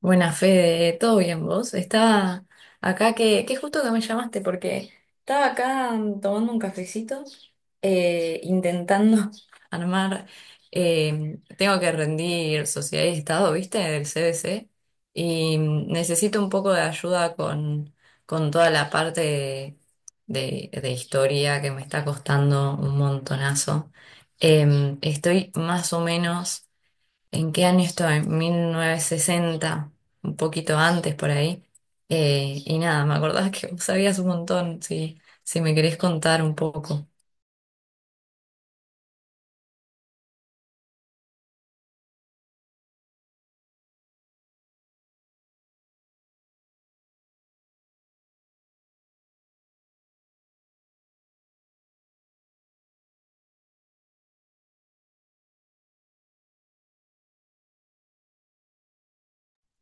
Buena fe, ¿todo bien vos? Estaba acá que justo que me llamaste porque estaba acá tomando un cafecito, intentando armar, tengo que rendir sociedad y estado, ¿viste? Del CBC y necesito un poco de ayuda con toda la parte de historia que me está costando un montonazo. Estoy más o menos. ¿En qué año estoy? En 1960, un poquito antes por ahí. Y nada, me acordás que vos sabías un montón, si me querés contar un poco.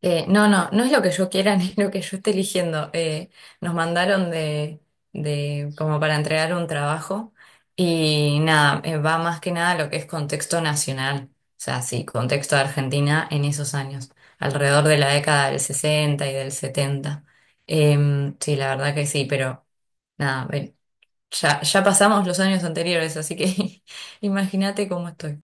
No, no, no es lo que yo quiera ni lo que yo esté eligiendo. Nos mandaron de como para entregar un trabajo y nada, va más que nada lo que es contexto nacional. O sea, sí, contexto de Argentina en esos años, alrededor de la década del 60 y del 70. Sí, la verdad que sí, pero... Nada, ven, ya pasamos los años anteriores, así que imagínate cómo estoy.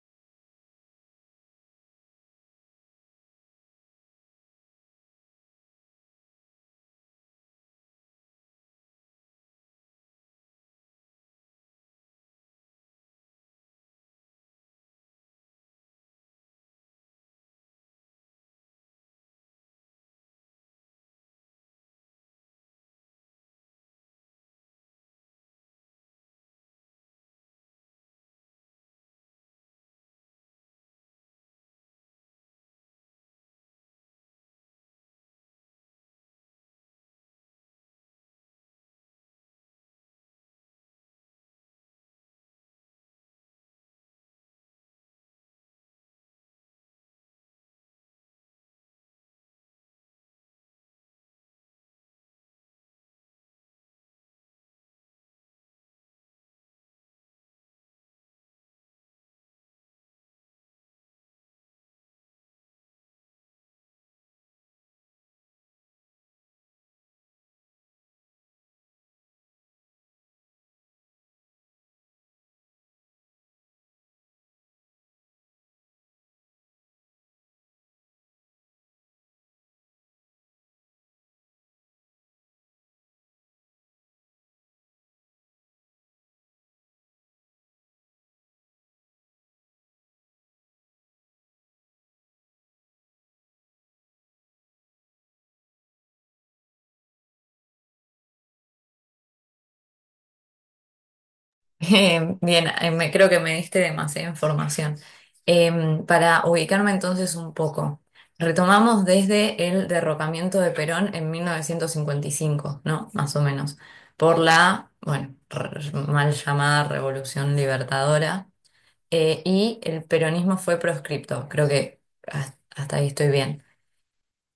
Creo que me diste demasiada información. Para ubicarme entonces un poco, retomamos desde el derrocamiento de Perón en 1955, ¿no? Más o menos, por la, bueno, mal llamada Revolución Libertadora, y el peronismo fue proscripto, creo que hasta ahí estoy bien.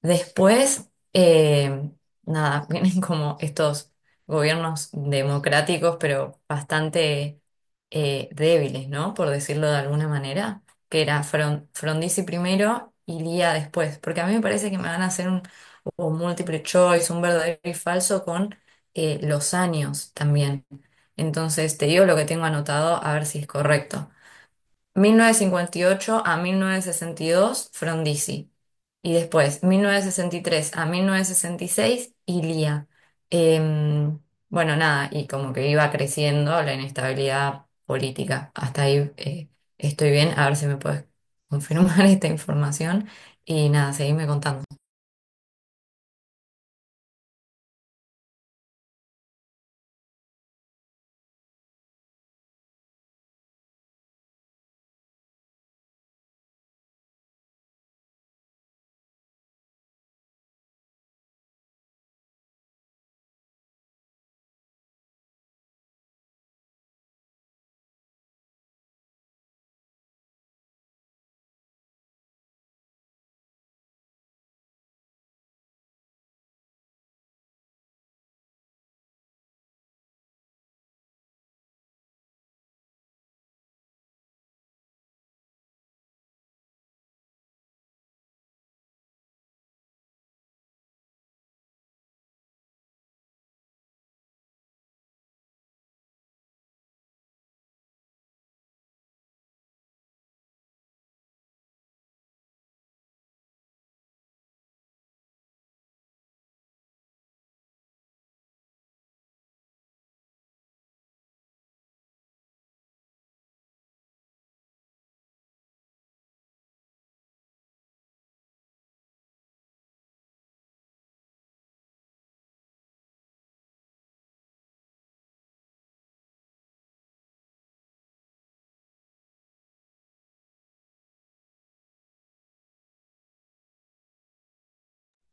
Después, nada, vienen como estos gobiernos democráticos, pero bastante débiles, ¿no? Por decirlo de alguna manera, que era Frondizi primero y Lía después, porque a mí me parece que me van a hacer un multiple choice, un verdadero y falso con los años también. Entonces, te digo lo que tengo anotado, a ver si es correcto. Mil novecientos cincuenta y ocho a 1962 Frondizi. Y después, 1963 a 1966 Ilia. Em, bueno, nada, y como que iba creciendo la inestabilidad política. Hasta ahí estoy bien, a ver si me puedes confirmar esta información. Y nada, seguime contando.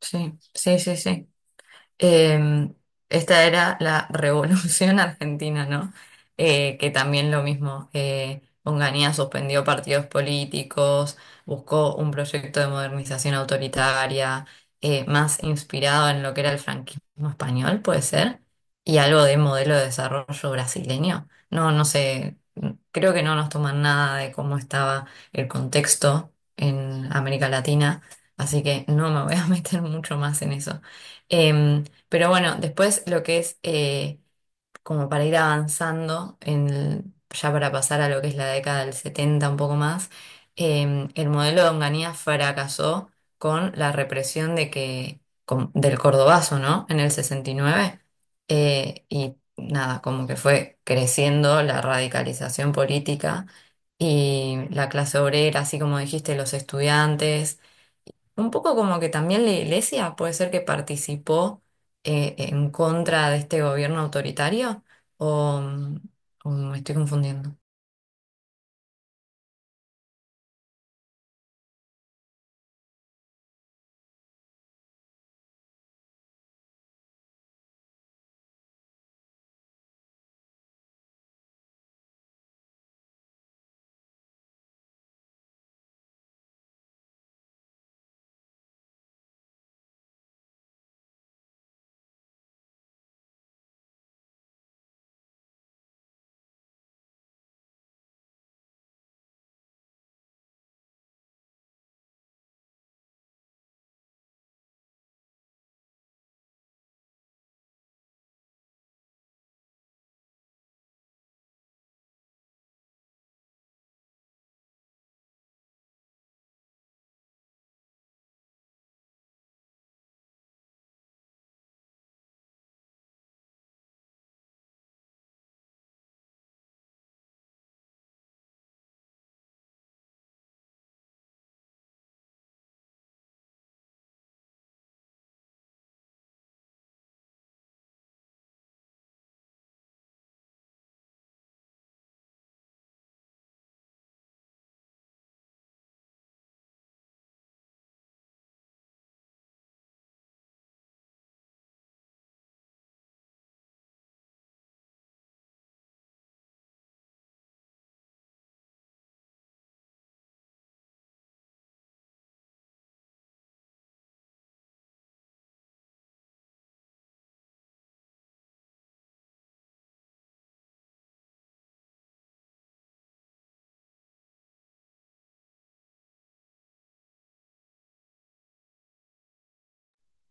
Sí, sí, sí, sí. Eh, Esta era la Revolución Argentina, ¿no? Que también lo mismo, Onganía suspendió partidos políticos, buscó un proyecto de modernización autoritaria, más inspirado en lo que era el franquismo español, puede ser, y algo de modelo de desarrollo brasileño. No, no sé, creo que no nos toman nada de cómo estaba el contexto en América Latina, así que no me voy a meter mucho más en eso. Pero bueno, después lo que es como para ir avanzando, ya para pasar a lo que es la década del 70 un poco más, el modelo de Onganía fracasó con la represión del Cordobazo, ¿no? En el 69. Y nada, como que fue creciendo la radicalización política y la clase obrera, así como dijiste, los estudiantes un poco como que también la iglesia puede ser que participó en contra de este gobierno autoritario o, o me estoy confundiendo.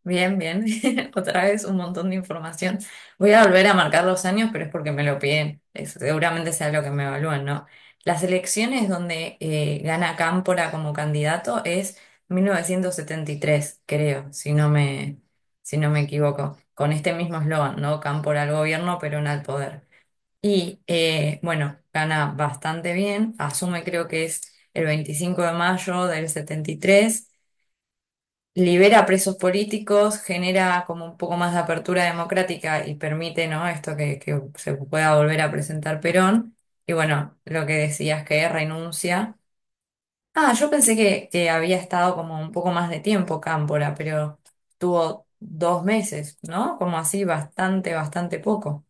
Bien, bien. Otra vez un montón de información. Voy a volver a marcar los años, pero es porque me lo piden. Seguramente sea lo que me evalúan, ¿no? Las elecciones donde gana Cámpora como candidato es 1973, creo, si no me equivoco. Con este mismo eslogan, ¿no? Cámpora al gobierno, Perón al poder. Y bueno, gana bastante bien, asume creo que es el 25 de mayo del setenta y tres, libera presos políticos, genera como un poco más de apertura democrática y permite, ¿no? Esto que se pueda volver a presentar Perón. Y bueno, lo que decías que renuncia. Ah, yo pensé que había estado como un poco más de tiempo Cámpora, pero tuvo dos meses, ¿no? Como así, bastante, bastante poco.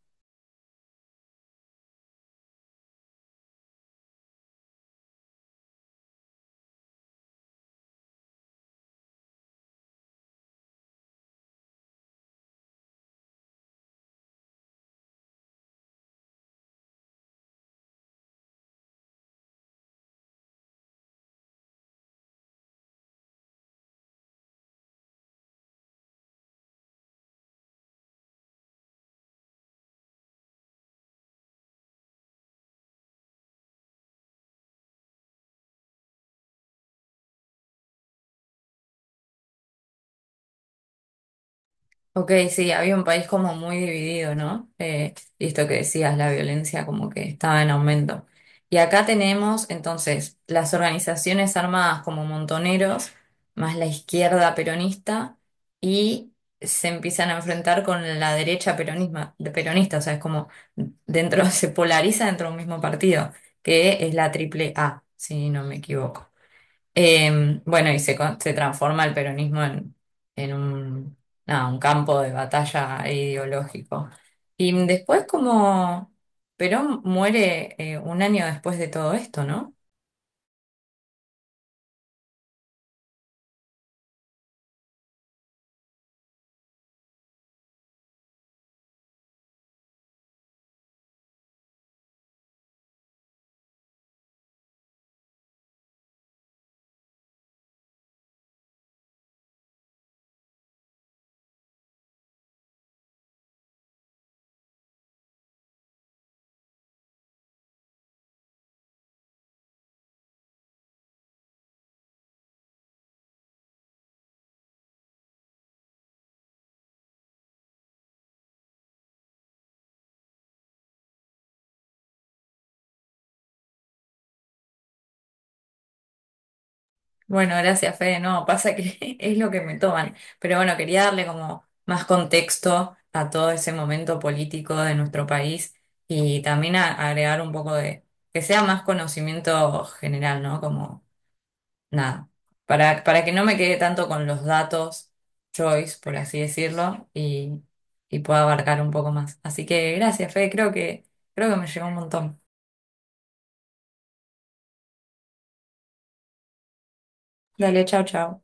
Ok, sí, había un país como muy dividido, ¿no? Y esto que decías, la violencia como que estaba en aumento. Y acá tenemos entonces las organizaciones armadas como Montoneros, más la izquierda peronista, y se empiezan a enfrentar con la derecha peronisma, de peronista, o sea, es como dentro, se polariza dentro de un mismo partido, que es la triple A, si no me equivoco. Bueno, se transforma el peronismo en nada, un campo de batalla ideológico. Y después como Perón muere un año después de todo esto, ¿no? Bueno, gracias, Fede. No, pasa que es lo que me toman. Pero bueno, quería darle como más contexto a todo ese momento político de nuestro país y también agregar un poco de, que sea más conocimiento general, ¿no? Como nada, para que no me quede tanto con los datos choice, por así decirlo, y pueda abarcar un poco más. Así que gracias, Fe, creo que me llegó un montón. Dale, chao, chao.